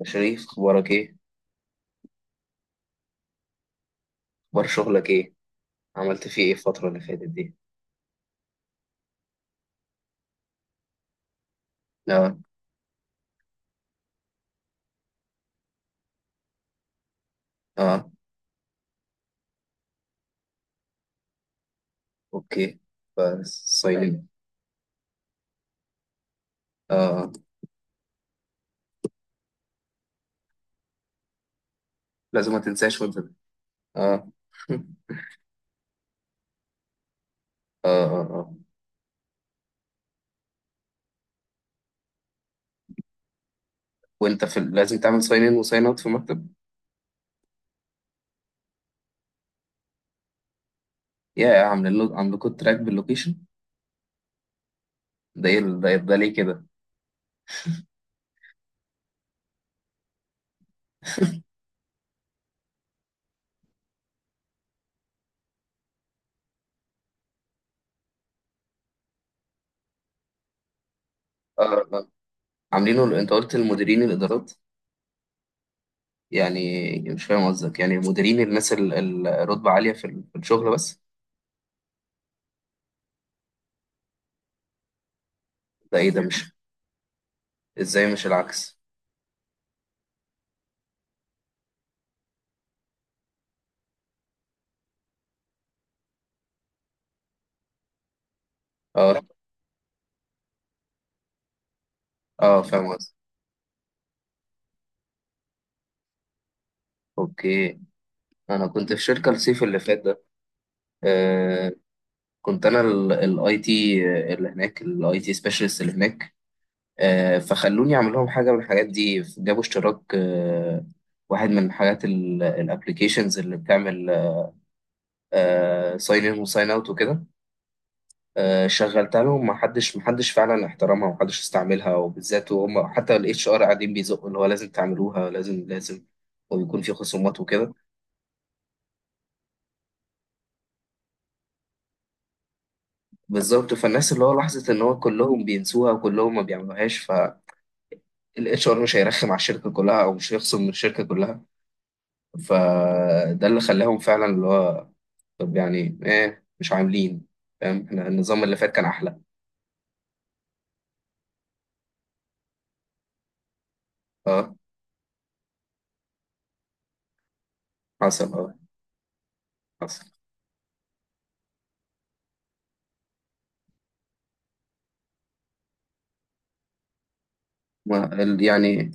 يا شريف، اخبارك ايه؟ اخبار شغلك ايه؟ عملت فيه ايه الفترة اللي فاتت دي؟ لا. اه. اوكي. بس صايلين. اه، لازم ما تنساش وانت اه. اه. آه. وانت لازم تعمل ساين ان وساين اوت في المكتب؟ يا يا عاملين له عاملكوا تراك باللوكيشن؟ ده ايه ال- ده, إيه- ده ليه كده؟ اه. آه. عاملينه انت قلت المديرين الادارات؟ يعني مش فاهم قصدك، يعني المديرين الناس الرتبة عالية في الشغل بس؟ ده ايه ده؟ مش ازاي؟ مش العكس؟ اه. اه، فاهم قصدك. اوكي. انا كنت في شركه الصيف اللي فات ده. آه، كنت انا الاي تي اللي هناك، الاي تي سبيشالست اللي هناك. آه، فخلوني اعمل لهم حاجه من الحاجات دي، جابوا اشتراك واحد من حاجات الابلكيشنز اللي بتعمل ساين ان وساين اوت وكده. شغلتها لهم. محدش فعلا احترمها ومحدش استعملها، وبالذات وهم حتى الاتش ار قاعدين بيزقوا اللي هو لازم تعملوها، لازم لازم. وبيكون في خصومات وكده. بالظبط، فالناس اللي هو لاحظت ان هو كلهم بينسوها وكلهم ما بيعملوهاش. فالاتش ار مش هيرخم على الشركه كلها، او مش هيخصم من الشركه كلها. فده اللي خلاهم فعلا اللي هو، طب يعني ايه مش عاملين؟ فاهم؟ احنا النظام اللي فات كان احلى. اه، حصل. اه، حصل. ما ال- يعني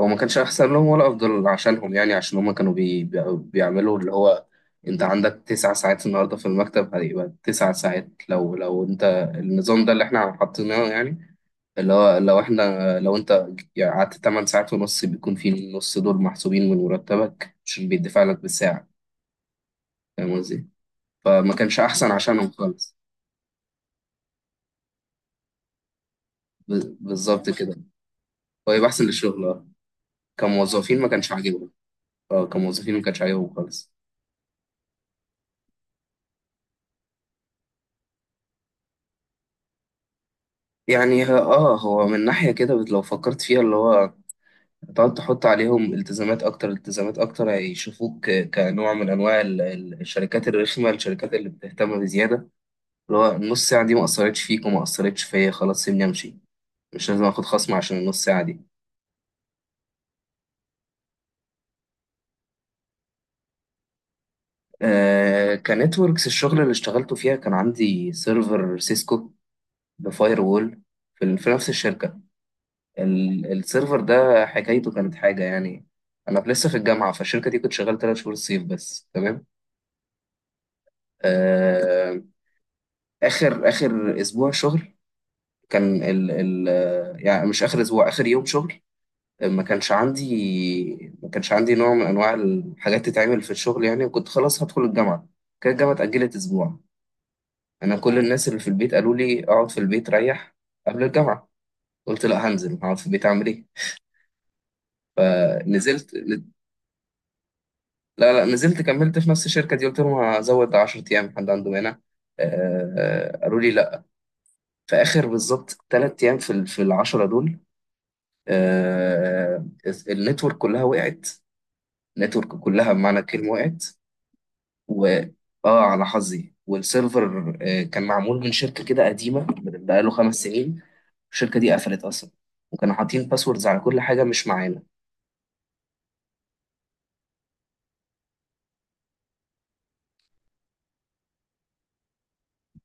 هو ما كانش احسن لهم ولا افضل عشانهم، يعني عشان هم كانوا بيعملوا اللي هو، انت عندك 9 ساعات النهارده في المكتب، هيبقى 9 ساعات لو انت النظام ده اللي احنا حاطيناه، يعني اللي هو لو احنا لو انت يعني قعدت 8 ساعات ونص، بيكون في النص دول محسوبين من مرتبك عشان بيدفع لك بالساعة. فاهم قصدي؟ فما كانش أحسن عشانهم خالص. بالظبط كده. هو يبقى أحسن للشغل، اه كموظفين ما كانش عاجبهم. اه، كموظفين ما كانش عاجبهم خالص. يعني هو من ناحية كده لو فكرت فيها اللي هو، هتقعد تحط عليهم التزامات أكتر، التزامات أكتر، هيشوفوك كنوع من أنواع الشركات الرخمة، الشركات اللي بتهتم بزيادة اللي هو النص ساعة دي ما أثرتش فيك وما أثرتش فيا، خلاص سيبني أمشي، مش لازم آخد خصم عشان النص ساعة دي. آه كنتوركس، الشغل اللي اشتغلته فيها كان عندي سيرفر سيسكو، بفاير وول في نفس الشركة. السيرفر ده حكايته كانت حاجة يعني. أنا لسه في الجامعة، فالشركة دي كنت شغال 3 شهور الصيف بس، تمام. آه، آخر آخر أسبوع شغل كان ال ال آه، يعني مش آخر يوم شغل، ما كانش عندي نوع من انواع الحاجات تتعمل في الشغل يعني، وكنت خلاص هدخل الجامعه. كانت الجامعه اتاجلت اسبوع. كل الناس اللي في البيت قالوا لي اقعد في البيت ريح قبل الجامعه. قلت لا، هنزل، هقعد في البيت اعمل ايه؟ فنزلت. لا لا، نزلت كملت في نفس الشركه دي، قلت لهم هزود 10 ايام، حد عنده هنا؟ آه، قالوا لي لا. في اخر بالظبط 3 ايام في العشره دول، آه، النتورك كلها وقعت. النتورك كلها بمعنى الكلمه وقعت. و اه على حظي. والسيرفر كان معمول من شركة كده قديمة، من بقاله 5 سنين. الشركة دي قفلت أصلا، وكانوا حاطين باسوردز على كل حاجة مش معانا.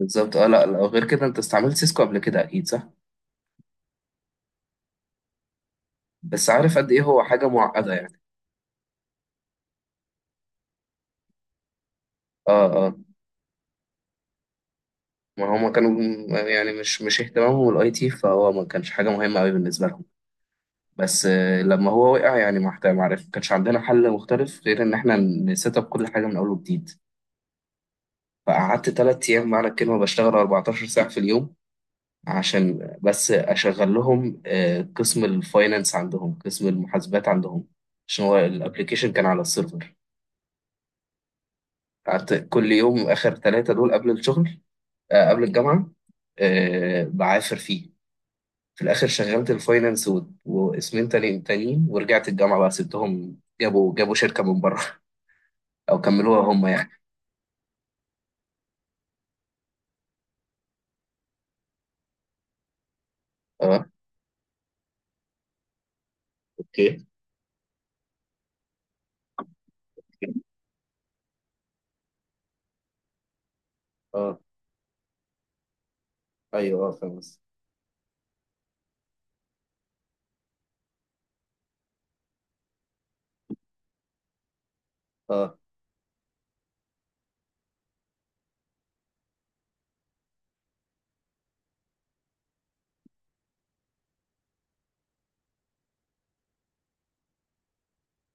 بالظبط. اه لا لا، غير كده انت استعملت سيسكو قبل كده أكيد صح؟ بس عارف قد ايه هو حاجة معقدة يعني. اه. اه، ما هما كانوا، يعني مش اهتمامهم الاي تي، فهو ما كانش حاجة مهمة قوي بالنسبة لهم. بس لما هو وقع يعني ما عرف، ما كانش عندنا حل مختلف غير ان احنا نسيت اب كل حاجة من اول وجديد. فقعدت 3 أيام معنى الكلمة بشتغل 14 ساعة في اليوم عشان بس أشغل لهم قسم الفاينانس عندهم، قسم المحاسبات عندهم، عشان هو الأبليكيشن كان على السيرفر. قعدت كل يوم آخر 3 دول قبل الشغل، قبل الجامعة، بعافر فيه. في الآخر شغلت الفاينانس واسمين تانيين، ورجعت الجامعة بقى، سبتهم، جابوا شركة من بره أو كملوها هم يعني. اه، اوكي. اه، ايوه، اه، فاهم قصدك. اه،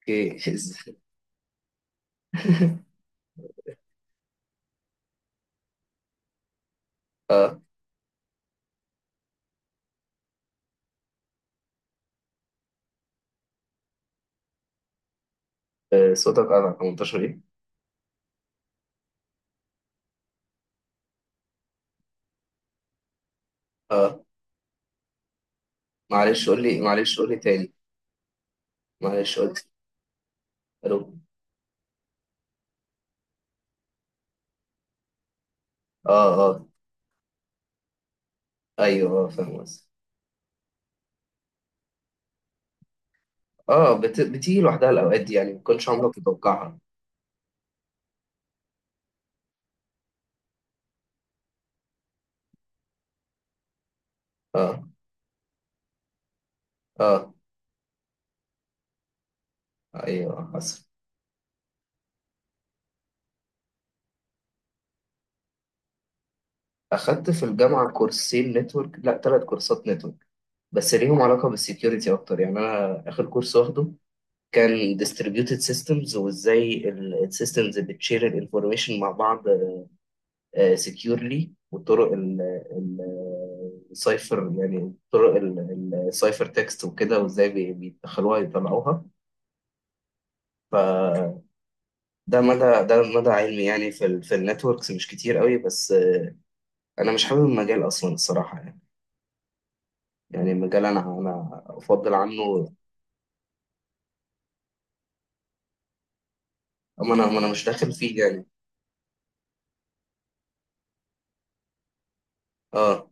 اوكي آه، صوتك قطع. 18 ايه؟ اه. معلش قول لي تاني. معلش، قلت. الو. اه. اه، ايوه، اه، فاهم قصدي. اه، بتيجي لوحدها الاوقات دي يعني، ما كنتش عمرك متوقعها. اه. اه، ايوه، حصل. اخدت في الجامعه كورسين نتورك، لا 3 كورسات نتورك، بس ليهم علاقه بالسكيورتي اكتر يعني. انا اخر كورس واخده كان distributed systems، وازاي السيستمز بتشير الانفورميشن مع بعض سكيورلي والطرق السايفر، يعني طرق السايفر تكست وكده، وازاي بيدخلوها يطلعوها. فده مدى، ده مدى علمي يعني في النتوركس، مش كتير قوي. بس انا مش حابب المجال اصلا الصراحه يعني. يعني المجال، انا افضل عنه. اما انا أما انا مش داخل فيه يعني. اه،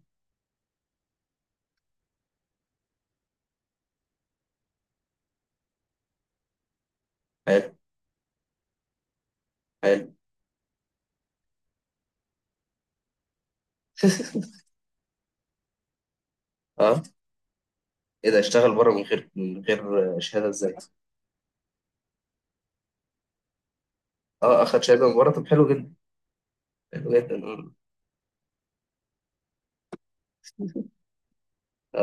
حلو. حلو اه، ايه ده؟ اشتغل بره من غير شهاده ازاي؟ اه، اخد شهاده من بره، طب حلو جدا. حلو جدا. اه. اه.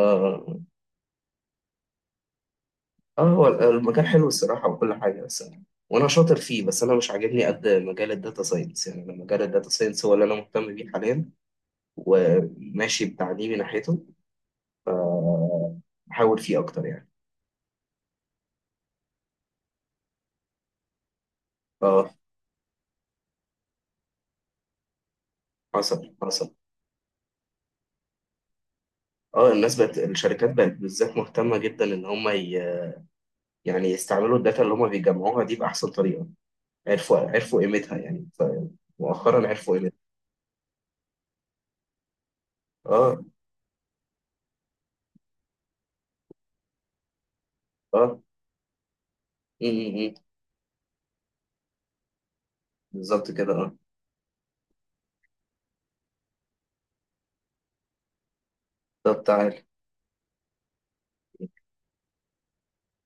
آه. اه، هو المجال حلو الصراحة وكل حاجة، بس أنا، وأنا شاطر فيه، بس أنا مش عاجبني قد مجال الداتا ساينس. يعني أنا مجال الداتا ساينس هو اللي أنا مهتم بيه حاليا، وماشي بتعليمي ناحيته، بحاول فيه أكتر يعني. اه، حصل. حصل. اه، الناس بقت، الشركات بقت بالذات مهتمة جدا إن هم يعني يستعملوا الداتا اللي هم بيجمعوها دي بأحسن طريقة. عرفوا قيمتها يعني، مؤخرا عرفوا قيمتها. اه. اه. م. بالظبط كده. اه. طب تعال.